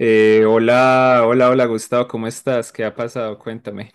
Hola, hola, hola Gustavo, ¿cómo estás? ¿Qué ha pasado? Cuéntame.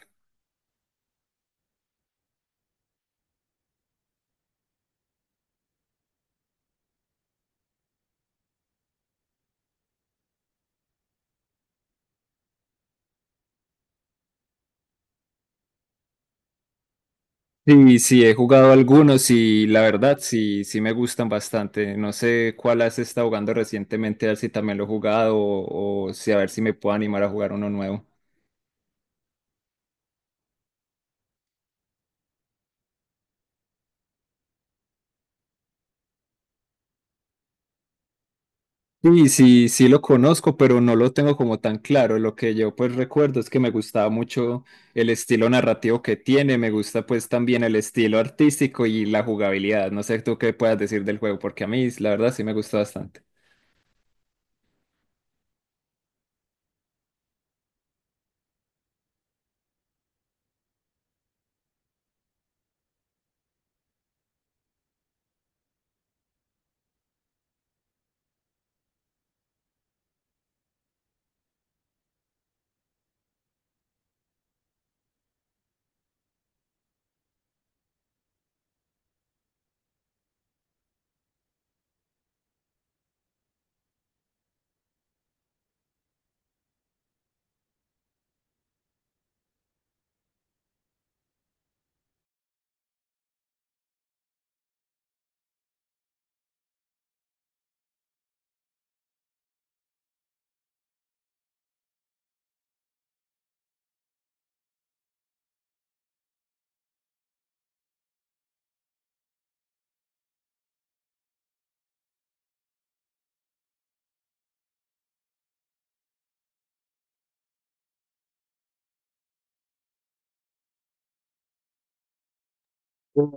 Sí, sí, he jugado algunos y la verdad sí, sí me gustan bastante. No sé cuál has estado jugando recientemente, a ver si también lo he jugado o si a ver si me puedo animar a jugar uno nuevo. Sí, sí, sí lo conozco, pero no lo tengo como tan claro. Lo que yo pues recuerdo es que me gustaba mucho el estilo narrativo que tiene, me gusta pues también el estilo artístico y la jugabilidad. No sé tú qué puedas decir del juego, porque a mí la verdad sí me gustó bastante.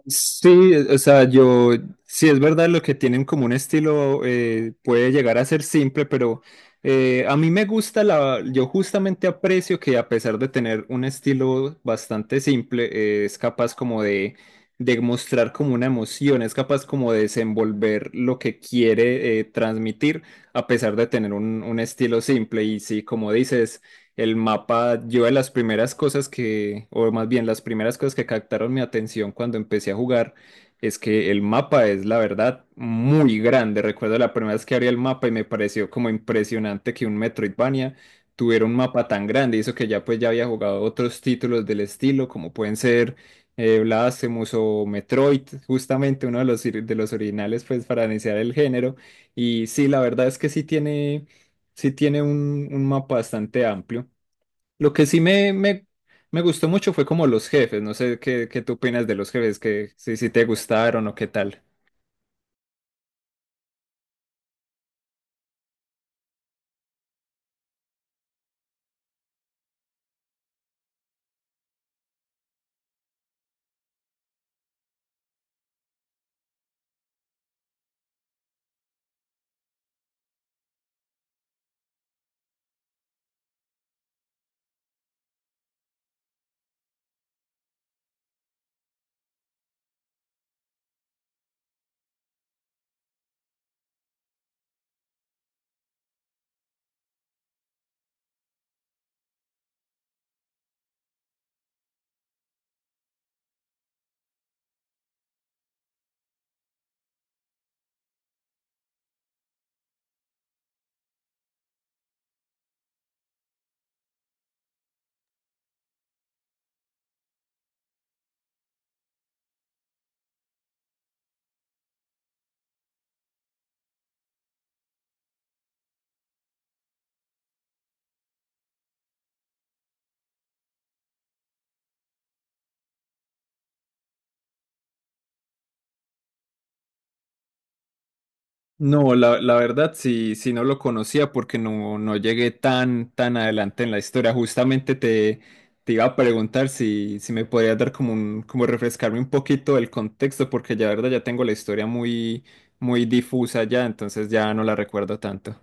Sí, o sea, yo, sí es verdad lo que tienen como un estilo puede llegar a ser simple, pero a mí me gusta la, yo justamente aprecio que a pesar de tener un estilo bastante simple, es capaz como de mostrar como una emoción, es capaz como de desenvolver lo que quiere transmitir a pesar de tener un estilo simple y sí, como dices, el mapa, yo de las primeras cosas que, o más bien las primeras cosas que captaron mi atención cuando empecé a jugar, es que el mapa es, la verdad, muy grande. Recuerdo la primera vez que abrí el mapa y me pareció como impresionante que un Metroidvania tuviera un mapa tan grande. Y eso que ya pues ya había jugado otros títulos del estilo, como pueden ser Blasphemous o Metroid, justamente uno de los, de los originales pues para iniciar el género. Y sí, la verdad es que sí tiene un mapa bastante amplio. Lo que sí me gustó mucho fue como los jefes. No sé qué, qué tú opinas de los jefes, que si, si te gustaron o qué tal. No, la verdad sí, sí no lo conocía porque no, no llegué tan, tan adelante en la historia. Justamente te iba a preguntar si, si me podías dar como un, como refrescarme un poquito el contexto, porque ya la verdad ya tengo la historia muy, muy difusa ya, entonces ya no la recuerdo tanto.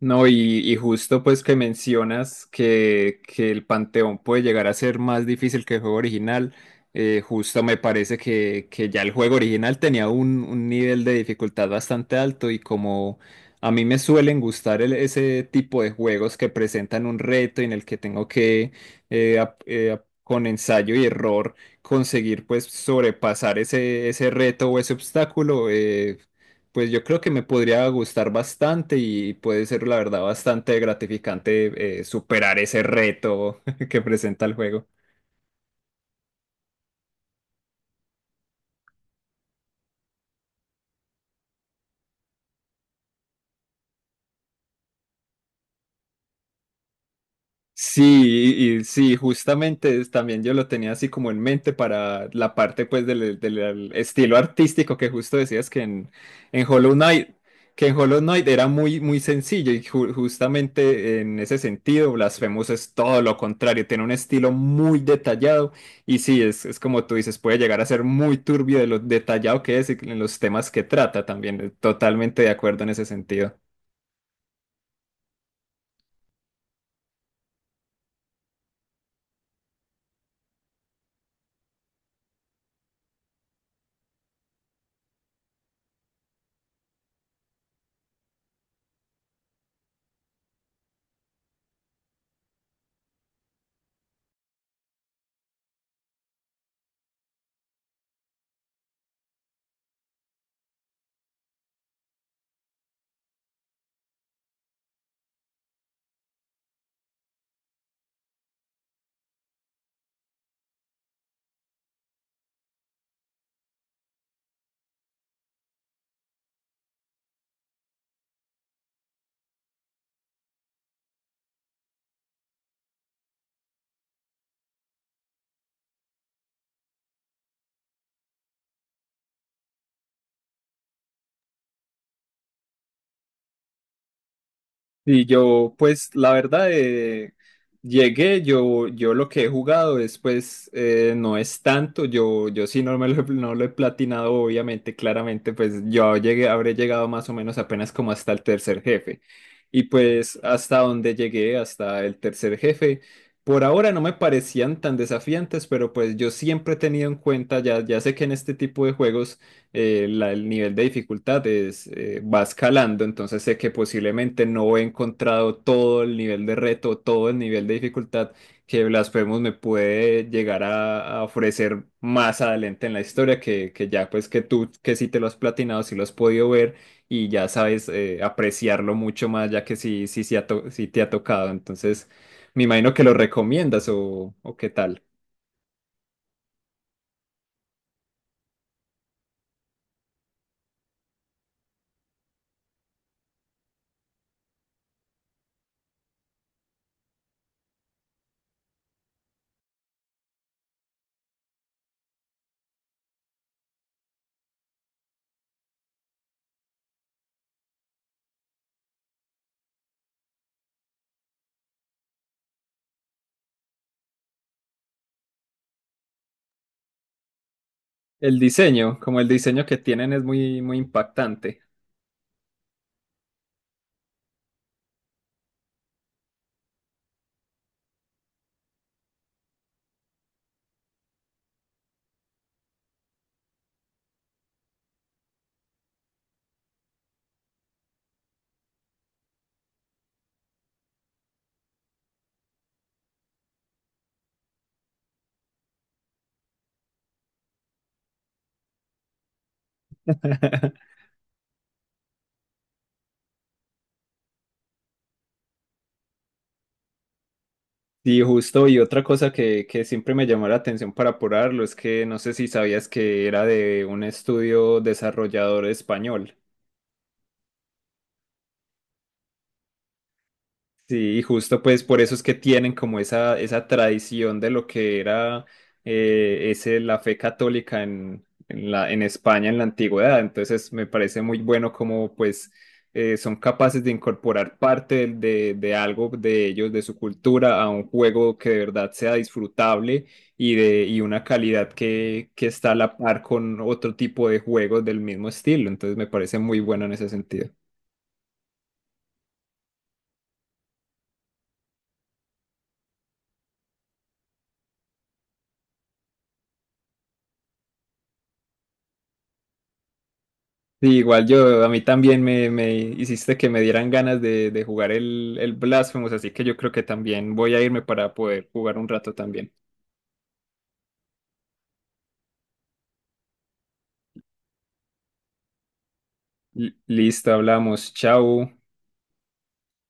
No, y justo pues que mencionas que el Panteón puede llegar a ser más difícil que el juego original, justo me parece que ya el juego original tenía un nivel de dificultad bastante alto y como a mí me suelen gustar ese tipo de juegos que presentan un reto y en el que tengo que con ensayo y error conseguir pues sobrepasar ese, ese reto o ese obstáculo. Pues yo creo que me podría gustar bastante y puede ser, la verdad, bastante gratificante superar ese reto que presenta el juego. Sí, y sí, justamente también yo lo tenía así como en mente para la parte pues del, del estilo artístico que justo decías que en Hollow Knight, que en Hollow Knight era muy, muy sencillo y justamente en ese sentido Blasphemous es todo lo contrario, tiene un estilo muy detallado y sí, es como tú dices, puede llegar a ser muy turbio de lo detallado que es y en los temas que trata también, totalmente de acuerdo en ese sentido. Y yo, pues la verdad, llegué, yo lo que he jugado es, pues, no es tanto, yo sí no, me lo, no lo he platinado, obviamente, claramente, pues yo llegué, habré llegado más o menos apenas como hasta el tercer jefe. Y pues hasta donde llegué, hasta el tercer jefe, por ahora no me parecían tan desafiantes, pero pues yo siempre he tenido en cuenta, ya, ya sé que en este tipo de juegos el nivel de dificultad es, va escalando, entonces sé que posiblemente no he encontrado todo el nivel de reto, todo el nivel de dificultad que Blasphemous me puede llegar a ofrecer más adelante en la historia, que ya pues que tú que si te lo has platinado, si lo has podido ver y ya sabes apreciarlo mucho más, ya que sí, sí, sí, sí te ha tocado, entonces me imagino que lo recomiendas o qué tal. El diseño, como el diseño que tienen es muy, muy impactante. Sí, justo, y otra cosa que siempre me llamó la atención para apurarlo es que no sé si sabías que era de un estudio desarrollador español. Sí, y justo pues por eso es que tienen como esa tradición de lo que era ese, la fe católica en la, en España en la antigüedad. Entonces me parece muy bueno como pues son capaces de incorporar parte de algo de ellos, de su cultura, a un juego que de verdad sea disfrutable y, de, y una calidad que está a la par con otro tipo de juegos del mismo estilo. Entonces me parece muy bueno en ese sentido. Sí, igual yo, a mí también me hiciste que me dieran ganas de jugar el Blasphemous, así que yo creo que también voy a irme para poder jugar un rato también. Listo, hablamos, chao.